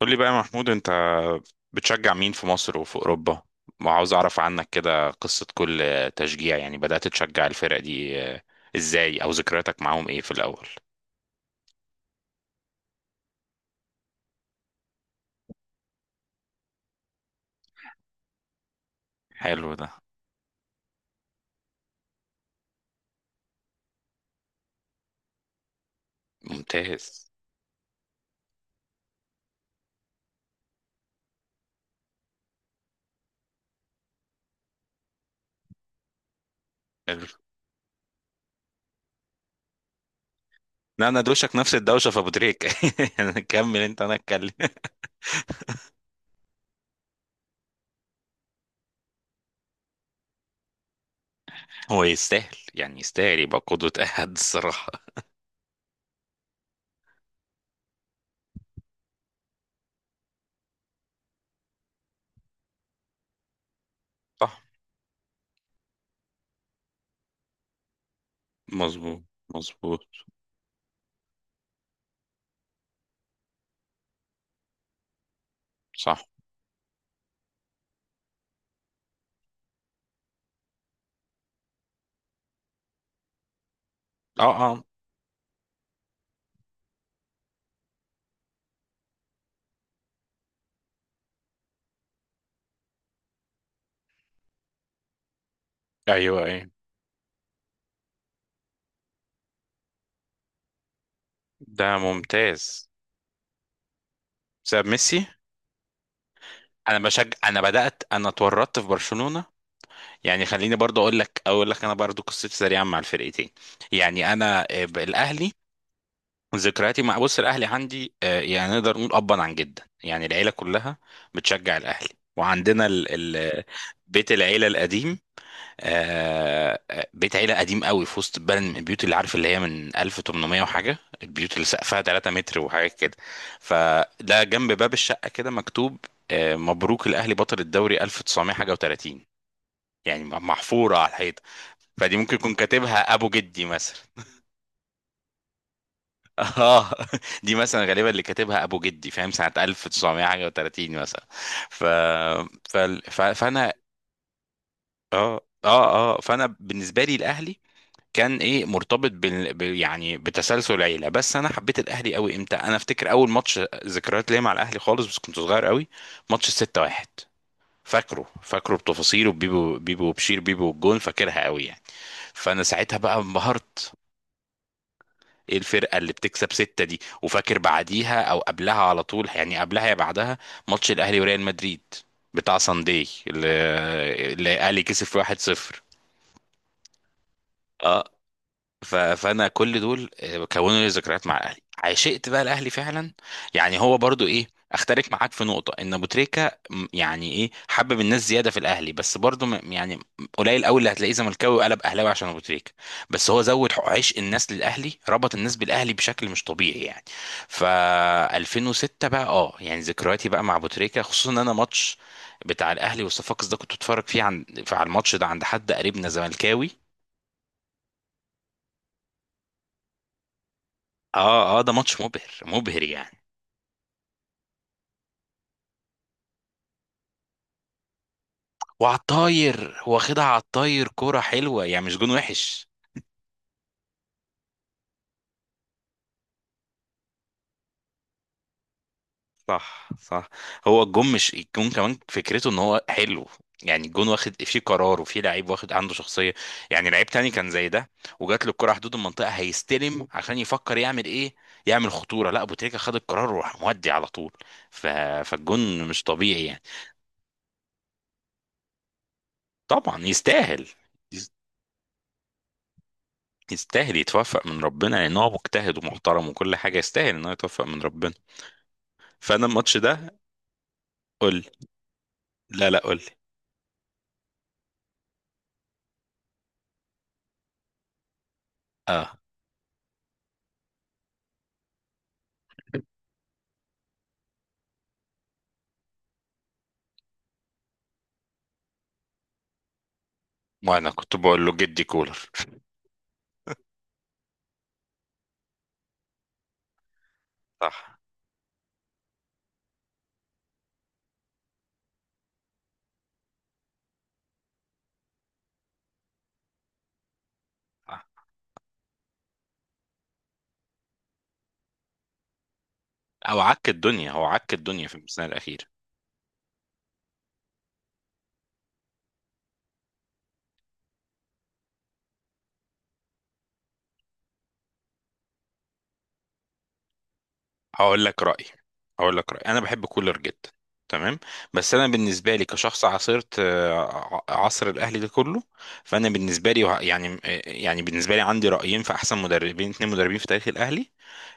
قول لي بقى يا محمود، انت بتشجع مين في مصر وفي اوروبا؟ وعاوز اعرف عنك كده قصة كل تشجيع. يعني بدأت تشجع الفرق دي ازاي، او ذكرياتك معاهم ايه في الاول؟ حلو ده. ممتاز. حلو. لا انا دوشك نفس الدوشة في ابو تريك. كمل انت، انا اتكلم. هو يستاهل، يعني يستاهل يبقى قدوة احد الصراحة. صح. مظبوط، مظبوط. صح. اه، اه. ايوه، ايوه. ده ممتاز. بسبب ميسي. انا بشجع، انا اتورطت في برشلونة، يعني خليني برضو اقول لك انا برضو قصتي سريعا مع الفرقتين. يعني انا الاهلي، ذكرياتي مع بص الاهلي عندي، يعني نقدر نقول ابا عن جدا يعني العيله كلها بتشجع الاهلي. وعندنا ال بيت العيله القديم. بيت عيله قديم قوي في وسط البلد، من البيوت اللي عارف اللي هي من 1800 وحاجه، البيوت اللي سقفها 3 متر وحاجات كده. فده جنب باب الشقه كده مكتوب مبروك الاهلي بطل الدوري 1900 حاجه و30، يعني محفورة على الحيطة. فدي ممكن يكون كاتبها ابو جدي مثلا. اه. دي مثلا غالبا اللي كاتبها ابو جدي، فاهم، سنة 1900 حاجة و30 مثلا. ف... ف... ف... فانا اه فانا بالنسبة لي الاهلي كان ايه، مرتبط يعني بتسلسل العيلة. بس انا حبيت الاهلي قوي امتى؟ انا افتكر اول ماتش ذكريات ليا مع الاهلي خالص، بس كنت صغير قوي، ماتش 6-1. فاكره بتفاصيله، بيبو وبشير بيبو والجون، فاكرها قوي يعني. فانا ساعتها بقى انبهرت. ايه الفرقه اللي بتكسب ستة دي؟ وفاكر بعديها او قبلها على طول، يعني قبلها يا بعدها، ماتش الاهلي وريال مدريد بتاع سانداي اللي الاهلي كسب 1-0. ف- فانا كل دول كونوا لي ذكريات مع الاهلي، عشقت بقى الاهلي فعلا. يعني هو برضو ايه، اختلف معاك في نقطه، ان ابو تريكه يعني ايه، حبب الناس زياده في الاهلي، بس برضو يعني قليل قوي اللي هتلاقيه زملكاوي وقلب اهلاوي عشان ابو تريكه. بس هو زود عشق الناس للاهلي، ربط الناس بالاهلي بشكل مش طبيعي يعني. ف 2006 بقى اه، يعني ذكرياتي بقى مع ابو تريكه، خصوصا ان انا ماتش بتاع الاهلي والصفاقس ده كنت اتفرج فيه عن على الماتش ده عند حد قريبنا زملكاوي. اه اه، ده ماتش مبهر مبهر يعني. وعلى الطاير، واخدها على الطاير، كوره حلوه يعني، مش جون وحش. صح صح. هو الجون، مش الجون كمان، فكرته ان هو حلو. يعني الجون واخد فيه قرار، وفيه لعيب واخد عنده شخصيه. يعني لعيب تاني كان زي ده وجات له الكره حدود المنطقه، هيستلم عشان يفكر يعمل ايه، يعمل خطوره. لا، ابو تريكه خد القرار وراح مودي على طول. ف... فالجون مش طبيعي يعني. طبعا يستاهل. يستاهل يتوفق من ربنا لان هو مجتهد ومحترم وكل حاجه، يستاهل ان هو يتوفق من ربنا. فانا الماتش ده. قول لي. لا لا، قول لي. اه. وانا كنت بقول له جدي كولر. صح صح. او عك الدنيا، هو عك الدنيا في الموسم الاخير. هقول لك رايي، هقول لك رايي. انا بحب كولر جدا. تمام. بس انا بالنسبه لي كشخص عاصرت عصر الاهلي ده كله، فانا بالنسبه لي يعني يعني بالنسبه لي عندي رايين في احسن مدربين، اتنين مدربين في تاريخ الاهلي.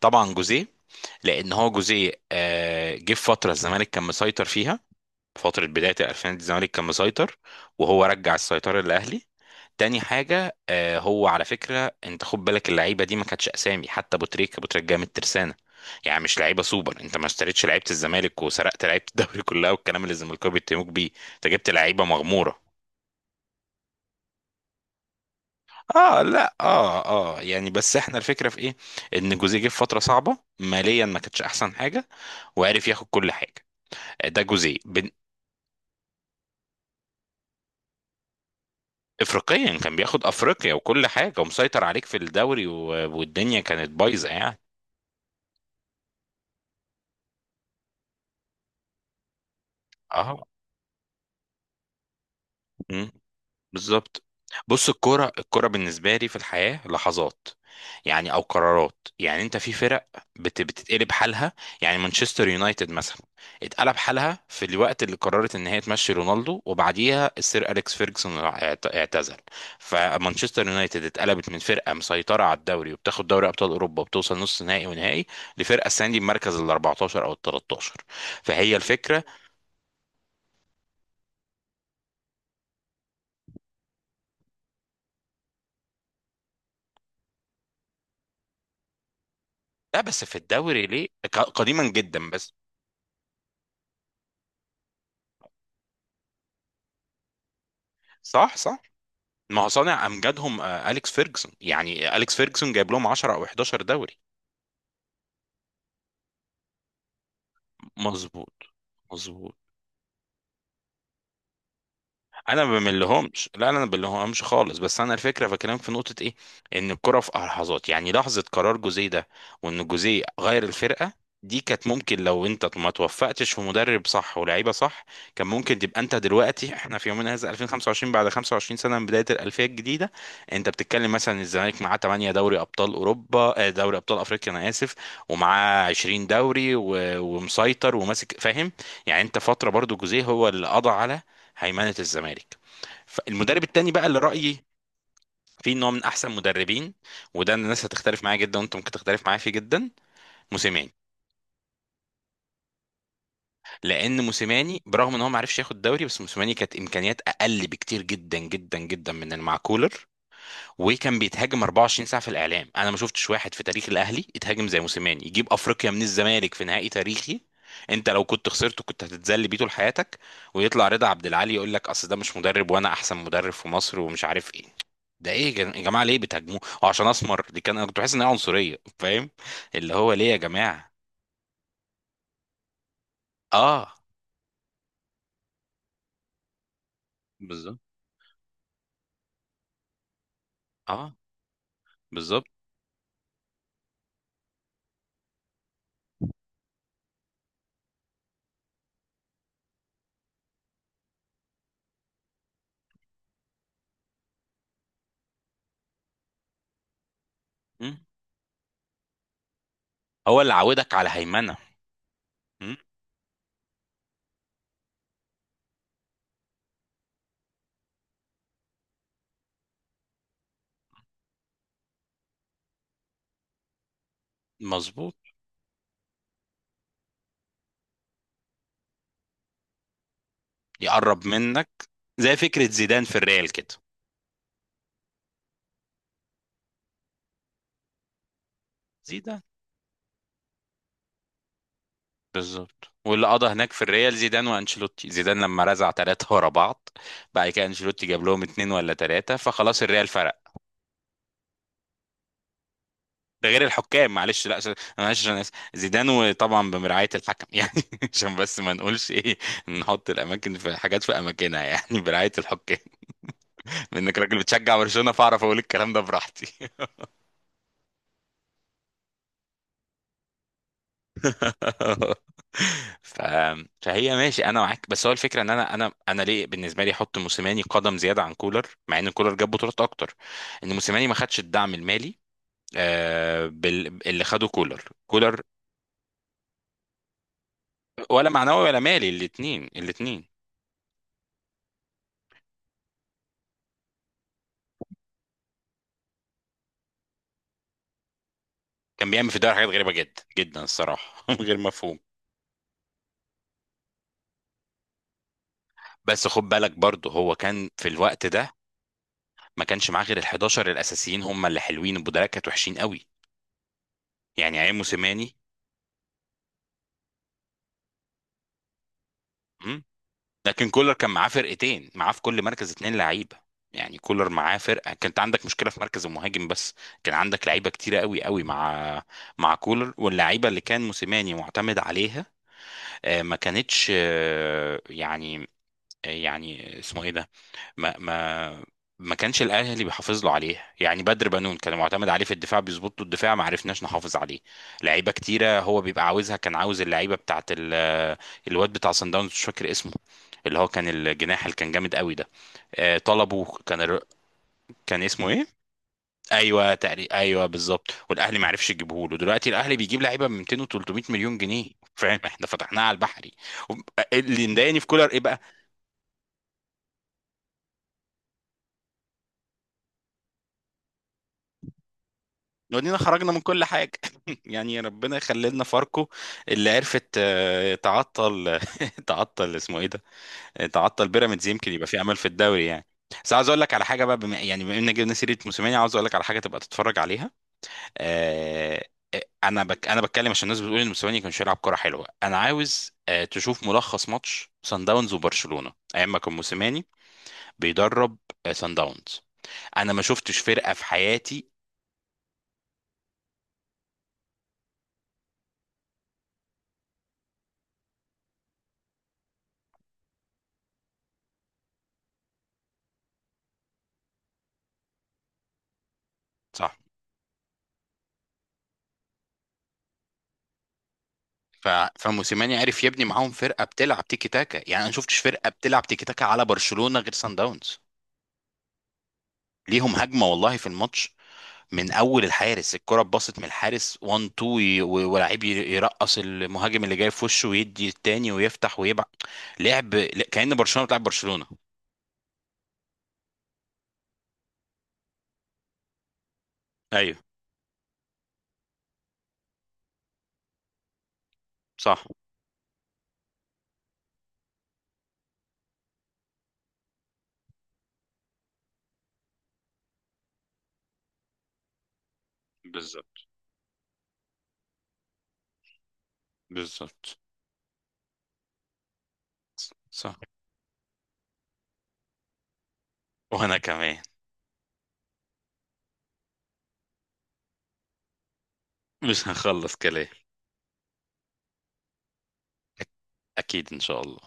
طبعا جوزيه، لان هو جوزيه جه في فتره الزمالك كان مسيطر فيها، فتره بدايه الالفينات الزمالك كان مسيطر، وهو رجع السيطره للاهلي. تاني حاجه هو على فكره انت خد بالك، اللعيبه دي ما كانتش اسامي، حتى ابو تريكه، ابو تريكه جاي من الترسانه، يعني مش لعيبه سوبر. انت ما اشتريتش لعيبه الزمالك وسرقت لعيبه الدوري كلها، والكلام اللي الزمالكاوي بيتهموك بيه، انت جبت لعيبه مغموره. اه لا اه، اه يعني، بس احنا الفكره في ايه، ان جوزيه جه في فتره صعبه ماليا ما كانتش احسن حاجه، وعرف ياخد كل حاجه. ده جوزيه. افريقيا كان بياخد افريقيا وكل حاجه، ومسيطر عليك في الدوري والدنيا كانت بايظه يعني. اه، بالظبط. بص، الكوره، الكوره بالنسبه لي في الحياه لحظات، يعني او قرارات. يعني انت في فرق بتتقلب حالها. يعني مانشستر يونايتد مثلا اتقلب حالها في الوقت اللي قررت ان هي تمشي رونالدو، وبعديها السير اليكس فيرجسون اعتزل. فمانشستر يونايتد اتقلبت من فرقه مسيطره على الدوري وبتاخد دوري ابطال اوروبا وبتوصل نص نهائي ونهائي، لفرقه السنه دي بمركز ال 14 او ال 13. فهي الفكره. لا بس في الدوري ليه؟ قديما جدا بس. صح صح، ما هو صانع امجادهم اليكس فيرجسون، يعني اليكس فيرجسون جايب لهم 10 او 11 دوري. مظبوط، مظبوط. انا ما بملهمش، لا انا ما بملهمش خالص، بس انا الفكره بكلمك في نقطه ايه، ان الكره في لحظات، يعني لحظه قرار جوزيه ده وان جوزيه غير الفرقه دي. كانت ممكن لو انت ما توفقتش في مدرب صح ولاعيبه صح، كان ممكن تبقى انت دلوقتي، احنا في يومنا هذا 2025، بعد 25 سنه من بدايه الالفيه الجديده، انت بتتكلم مثلا الزمالك معاه 8 دوري ابطال اوروبا، دوري ابطال افريقيا، انا اسف، ومعاه 20 دوري ومسيطر وماسك، فاهم يعني. انت فتره برضو جوزيه هو اللي قضى على هيمنه الزمالك. فالمدرب التاني بقى اللي رايي فيه ان هو من احسن مدربين، وده الناس هتختلف معايا جدا، وانت ممكن تختلف معايا فيه جدا، موسيماني. لان موسيماني برغم ان هو ما عرفش ياخد دوري، بس موسيماني كانت امكانيات اقل بكتير جدا جدا جدا من المعكولر، وكان بيتهاجم 24 ساعه في الاعلام. انا ما شفتش واحد في تاريخ الاهلي يتهاجم زي موسيماني، يجيب افريقيا من الزمالك في نهائي تاريخي، انت لو كنت خسرته كنت هتتذل بيه طول حياتك، ويطلع رضا عبد العال يقول لك اصل ده مش مدرب وانا احسن مدرب في مصر ومش عارف ايه. ده ايه يا يا جماعه، ليه بتهاجموه؟ هو عشان اسمر دي كان، انا كنت بحس ان هي عنصريه، فاهم. اللي هو ليه يا جماعه. اه، بالظبط. اه، بالظبط. مم. هو اللي عودك على هيمنه. مم. مظبوط. يقرب منك، زي فكره زيدان في الريال كده. زيدان. بالظبط، واللي قضى هناك في الريال زيدان وانشيلوتي. زيدان لما رزع ثلاثة ورا بعض، بعد كده انشيلوتي جاب لهم اتنين ولا ثلاثة، فخلاص الريال فرق. ده غير الحكام، معلش لا انا معلش انا اسف، زيدان وطبعا بمرعاية الحكم يعني، عشان بس ما نقولش ايه، نحط الاماكن في حاجات في اماكنها، يعني برعاية الحكام بانك راجل بتشجع برشلونة، فاعرف اقول الكلام ده براحتي. ف... فهي ماشي انا معاك، بس هو الفكره ان انا ليه بالنسبه لي احط موسيماني قدم زياده عن كولر، مع ان كولر جاب بطولات اكتر. ان موسيماني ما خدش الدعم المالي اللي خده كولر. ولا معنوي ولا مالي، الاثنين، الاثنين. كان بيعمل في الدوري حاجات غريبه جدا جدا الصراحه غير مفهوم. بس خد بالك برضه هو كان في الوقت ده ما كانش معاه غير ال 11 الاساسيين، هم اللي حلوين، البدلاء كانت وحشين قوي. يعني عين موسيماني. لكن كولر كان معاه فرقتين، معاه في كل مركز اتنين لعيبه. يعني كولر معاه فرقه كانت عندك مشكله في مركز المهاجم بس، كان عندك لعيبه كتيره قوي قوي مع مع كولر. واللعيبه اللي كان موسيماني معتمد عليها ما كانتش يعني آه، يعني اسمه ايه ده ما ما ما كانش الاهلي بيحافظ له عليه. يعني بدر بنون كان معتمد عليه في الدفاع، بيظبط له الدفاع، ما عرفناش نحافظ عليه. لعيبه كتيره هو بيبقى عاوزها، كان عاوز اللعيبه الواد بتاع صن داونز، مش فاكر اسمه، اللي هو كان الجناح اللي كان جامد قوي ده، طلبه كان كان اسمه ايه؟ ايوه تقريبا، ايوه بالظبط. والاهلي ما عرفش يجيبه له. دلوقتي الاهلي بيجيب لعيبه ب 200 و 300 مليون جنيه. فاهم، احنا فتحناها على البحري. وب- اللي مضايقني في كولر ايه بقى؟ ودينا خرجنا من كل حاجة. يعني ربنا يخلي لنا فاركو اللي عرفت تعطل تعطل، اسمه ايه ده، تعطل بيراميدز، يمكن يبقى في امل في الدوري يعني. بس عاوز اقول لك على حاجه بقى، بما يعني بما ان جبنا سيره موسيماني، عاوز اقول لك على حاجه تبقى تتفرج عليها. آه، انا بتكلم عشان الناس بتقول ان موسيماني كانش يلعب كره حلوه. انا عاوز تشوف ملخص ماتش سان داونز وبرشلونه ايام ما كان موسيماني بيدرب سان داونز. انا ما شفتش فرقه في حياتي. صح. ف... فموسيماني عرف يبني معاهم فرقه بتلعب تيكي تاكا، يعني انا ما شفتش فرقه بتلعب تيكي تاكا على برشلونه غير سان داونز. ليهم هجمه والله في الماتش، من اول الحارس الكره اتباصت من الحارس 1 2 ولاعيب يرقص المهاجم اللي جاي في وشه ويدي التاني ويفتح ويبع، لعب كأن برشلونه بتلعب برشلونه. ايوه. صح. بالظبط، بالظبط. صح. وانا كمان. مش هنخلص كلام. أك- اكيد ان شاء الله.